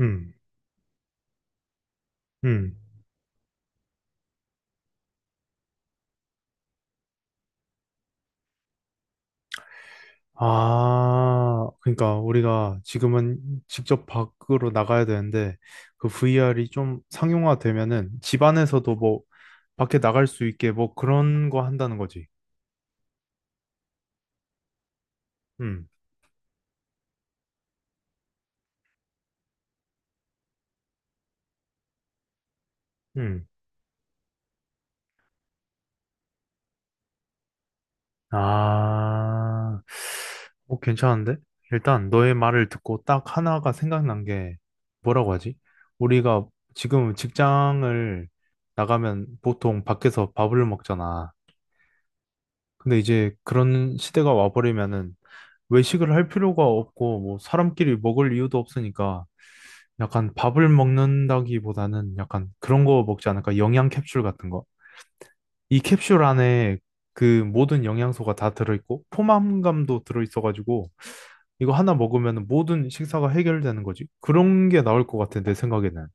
음, 음. 아, 그러니까 우리가 지금은 직접 밖으로 나가야 되는데 그 VR이 좀 상용화되면은 집 안에서도 뭐 밖에 나갈 수 있게 뭐 그런 거 한다는 거지. 음, 음. 아, 어, 괜찮은데? 일단 너의 말을 듣고 딱 하나가 생각난 게 뭐라고 하지? 우리가 지금 직장을 나가면 보통 밖에서 밥을 먹잖아. 근데 이제 그런 시대가 와버리면은 외식을 할 필요가 없고 뭐 사람끼리 먹을 이유도 없으니까 약간 밥을 먹는다기보다는 약간 그런 거 먹지 않을까? 영양 캡슐 같은 거. 이 캡슐 안에 그 모든 영양소가 다 들어있고 포만감도 들어있어가지고 이거 하나 먹으면 모든 식사가 해결되는 거지. 그런 게 나올 것 같아, 내 생각에는.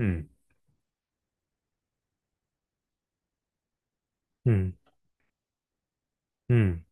음, 음, 음.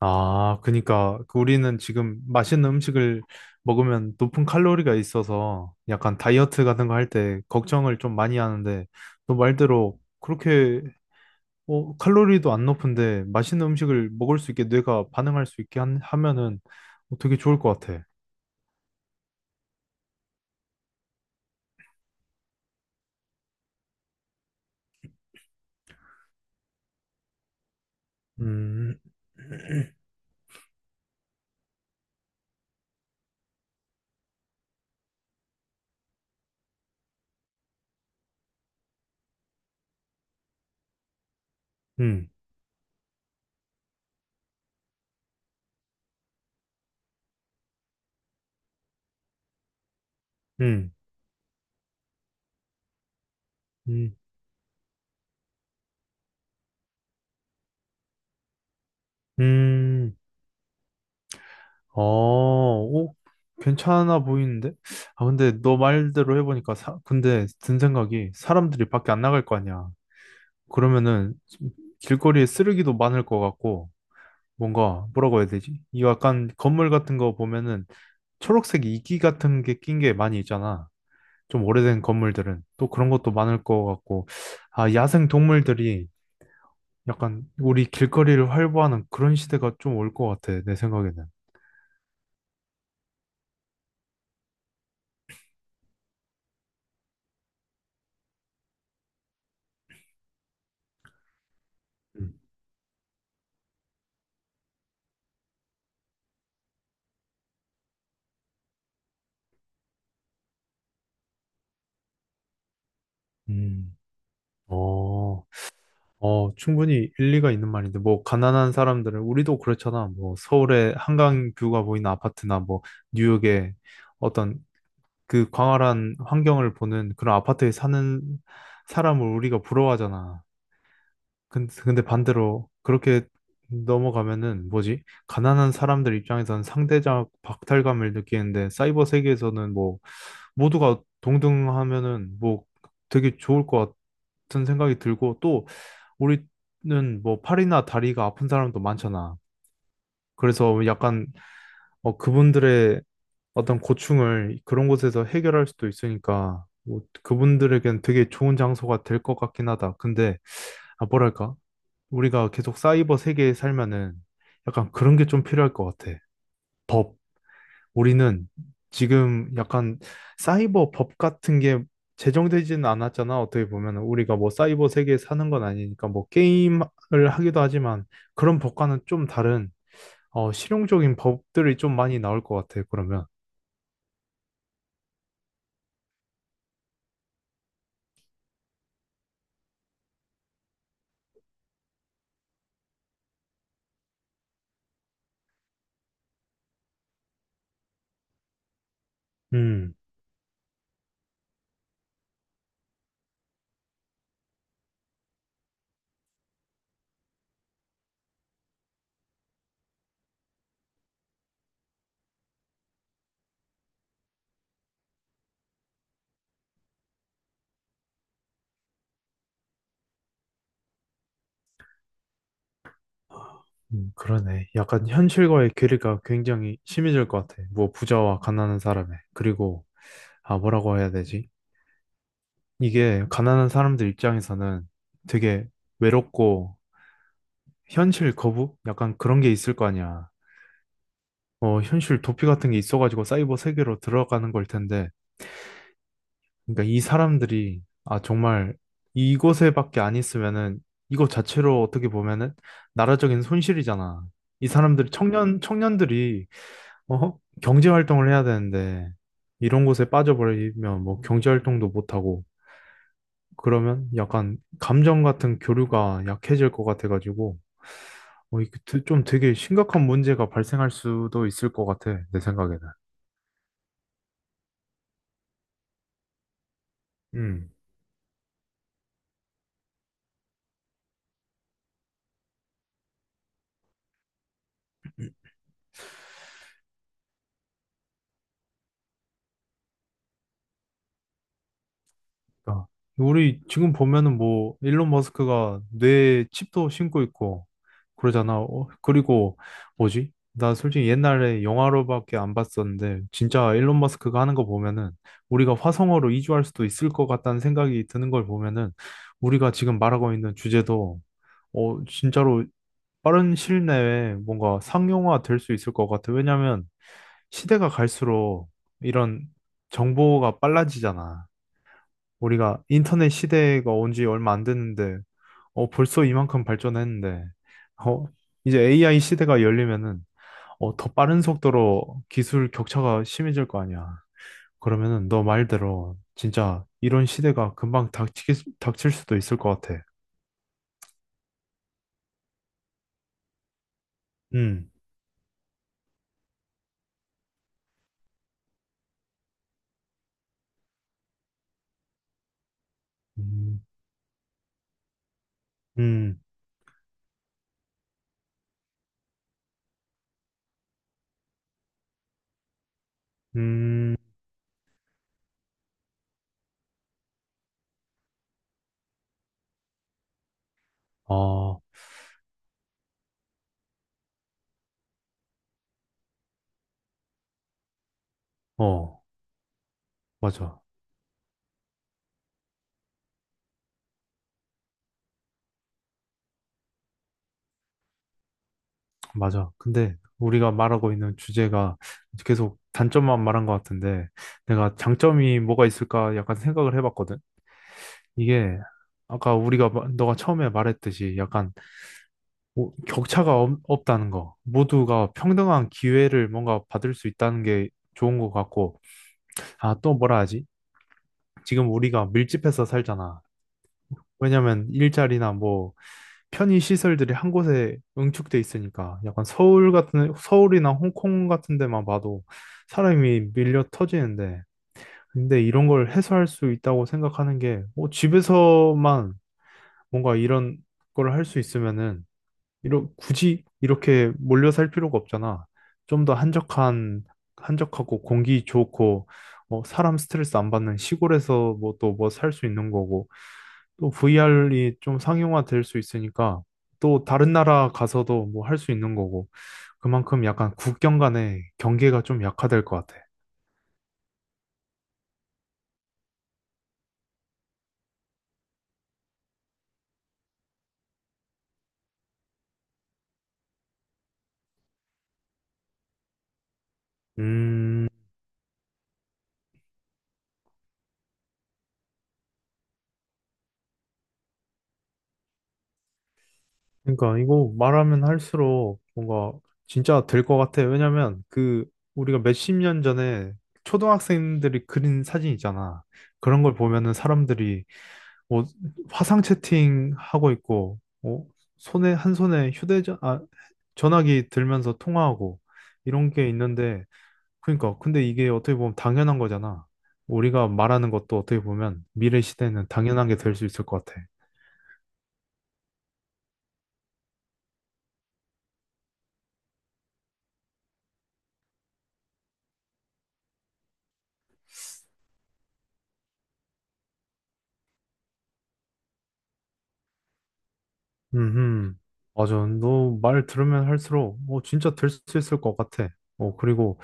아, 그니까 우리는 지금 맛있는 음식을 먹으면 높은 칼로리가 있어서 약간 다이어트 같은 거 할 때 걱정을 좀 많이 하는데 너 말대로 그렇게 어, 칼로리도 안 높은데 맛있는 음식을 먹을 수 있게 뇌가 반응할 수 있게 하면은 어, 되게 좋을 것 같아. 음, 음, 음, 음, 음, 어, 오, 괜찮아 보이는데? 아, 근데 너 말대로 해보니까 근데 든 생각이 사람들이 밖에 안 나갈 거 아니야. 그러면은 길거리에 쓰레기도 많을 것 같고 뭔가 뭐라고 해야 되지? 이 약간 건물 같은 거 보면은 초록색 이끼 같은 게 낀 게 많이 있잖아. 좀 오래된 건물들은 또 그런 것도 많을 것 같고 아 야생 동물들이 약간 우리 길거리를 활보하는 그런 시대가 좀 올 것 같아 내 생각에는. 음. 음. 어, 어, 충분히 일리가 있는 말인데, 뭐, 가난한 사람들은, 우리도 그렇잖아. 뭐, 서울의 한강 뷰가 보이는 아파트나, 뭐, 뉴욕의 어떤 그 광활한 환경을 보는 그런 아파트에 사는 사람을 우리가 부러워하잖아. 근데 반대로 그렇게 넘어가면은 뭐지? 가난한 사람들 입장에서는 상대적 박탈감을 느끼는데 사이버 세계에서는 뭐 모두가 동등하면은 뭐 되게 좋을 것 같은 생각이 들고 또 우리는 뭐 팔이나 다리가 아픈 사람도 많잖아. 그래서 약간 어, 그분들의 어떤 고충을 그런 곳에서 해결할 수도 있으니까 뭐 그분들에겐 되게 좋은 장소가 될 것 같긴 하다. 근데 아, 뭐랄까? 우리가 계속 사이버 세계에 살면은 약간 그런 게 좀 필요할 것 같아. 우리는 지금 약간 사이버 법 같은 게 제정되지는 않았잖아. 어떻게 보면 우리가 뭐 사이버 세계에 사는 건 아니니까 뭐 게임을 하기도 하지만 그런 법과는 좀 다른 어, 실용적인 법들이 좀 많이 나올 것 같아. 그러면. 음. 그러네. 약간 현실과의 괴리가 굉장히 심해질 것 같아. 뭐 부자와 가난한 사람의. 그리고 아 뭐라고 해야 되지? 이게 가난한 사람들 입장에서는 되게 외롭고 현실 거부? 약간 그런 게 있을 거 아니야. 어, 현실 도피 같은 게 있어가지고 사이버 세계로 들어가는 걸 텐데. 그러니까 이 사람들이 아 정말 이곳에밖에 안 있으면은 이거 자체로 어떻게 보면은 나라적인 손실이잖아. 이 사람들이 청년들이 어? 경제 활동을 해야 되는데 이런 곳에 빠져버리면 뭐 경제 활동도 못 하고 그러면 약간 감정 같은 교류가 약해질 것 같아가지고 어, 이게 좀 되게 심각한 문제가 발생할 수도 있을 것 같아 내 생각에는. 음. 그러니까 우리 지금 보면은 뭐 일론 머스크가 뇌에 칩도 신고 있고 그러잖아. 어, 그리고 뭐지? 나 솔직히 옛날에 영화로밖에 안 봤었는데 진짜 일론 머스크가 하는 거 보면은 우리가 화성으로 이주할 수도 있을 것 같다는 생각이 드는 걸 보면은 우리가 지금 말하고 있는 주제도 어 진짜로 빠른 시일 내에 뭔가 상용화 될 수 있을 것 같아. 왜냐면 시대가 갈수록 이런 정보가 빨라지잖아. 우리가 인터넷 시대가 온지 얼마 안 됐는데, 어, 벌써 이만큼 발전했는데, 어, 이제 AI 시대가 열리면은, 어, 더 빠른 속도로 기술 격차가 심해질 거 아니야. 그러면은 너 말대로 진짜 이런 시대가 금방 닥치 닥칠 수도 있을 것 같아. 음, 음, 음, 음, 아, 어, 맞아. 맞아. 근데 우리가 말하고 있는 주제가 계속 단점만 말한 것 같은데 내가 장점이 뭐가 있을까 약간 생각을 해봤거든. 이게 아까 우리가 너가 처음에 말했듯이 약간 격차가 없다는 거. 모두가 평등한 기회를 뭔가 받을 수 있다는 게 좋은 것 같고 아, 또 뭐라 하지? 지금 우리가 밀집해서 살잖아. 왜냐면 일자리나 뭐 편의 시설들이 한 곳에 응축돼 있으니까 약간 서울이나 홍콩 같은 데만 봐도 사람이 밀려 터지는데 근데 이런 걸 해소할 수 있다고 생각하는 게 어, 집에서만 뭔가 이런 걸 할 수 있으면은 굳이 이렇게 몰려 살 필요가 없잖아. 좀 더 한적한 한적하고 공기 좋고 어, 사람 스트레스 안 받는 시골에서 뭐 또 뭐 살 수 있는 거고 또 VR이 좀 상용화 될 수 있으니까 또 다른 나라 가서도 뭐 할 수 있는 거고 그만큼 약간 국경 간의 경계가 좀 약화될 것 같아. 음, 그러니까 이거 말하면 할수록 뭔가 진짜 될 것 같아. 왜냐면 그 우리가 몇십 년 전에 초등학생들이 그린 사진 있잖아. 그런 걸 보면은 사람들이 뭐 화상 채팅 하고 있고, 뭐 손에 한 손에 휴대전 아 전화기 들면서 통화하고 이런 게 있는데 그러니까 근데 이게 어떻게 보면 당연한 거잖아. 우리가 말하는 것도 어떻게 보면 미래 시대에는 당연한 게 될 수 있을 것 같아. 음, 맞아. 너 말 들으면 할수록 어, 진짜 될 수 있을 것 같아. 어, 그리고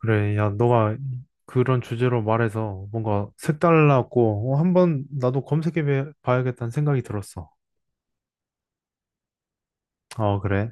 그래, 야, 너가 그런 주제로 말해서 뭔가 색달랐고 어, 한번 나도 검색해 봐야겠다는 생각이 들었어. 어, 그래.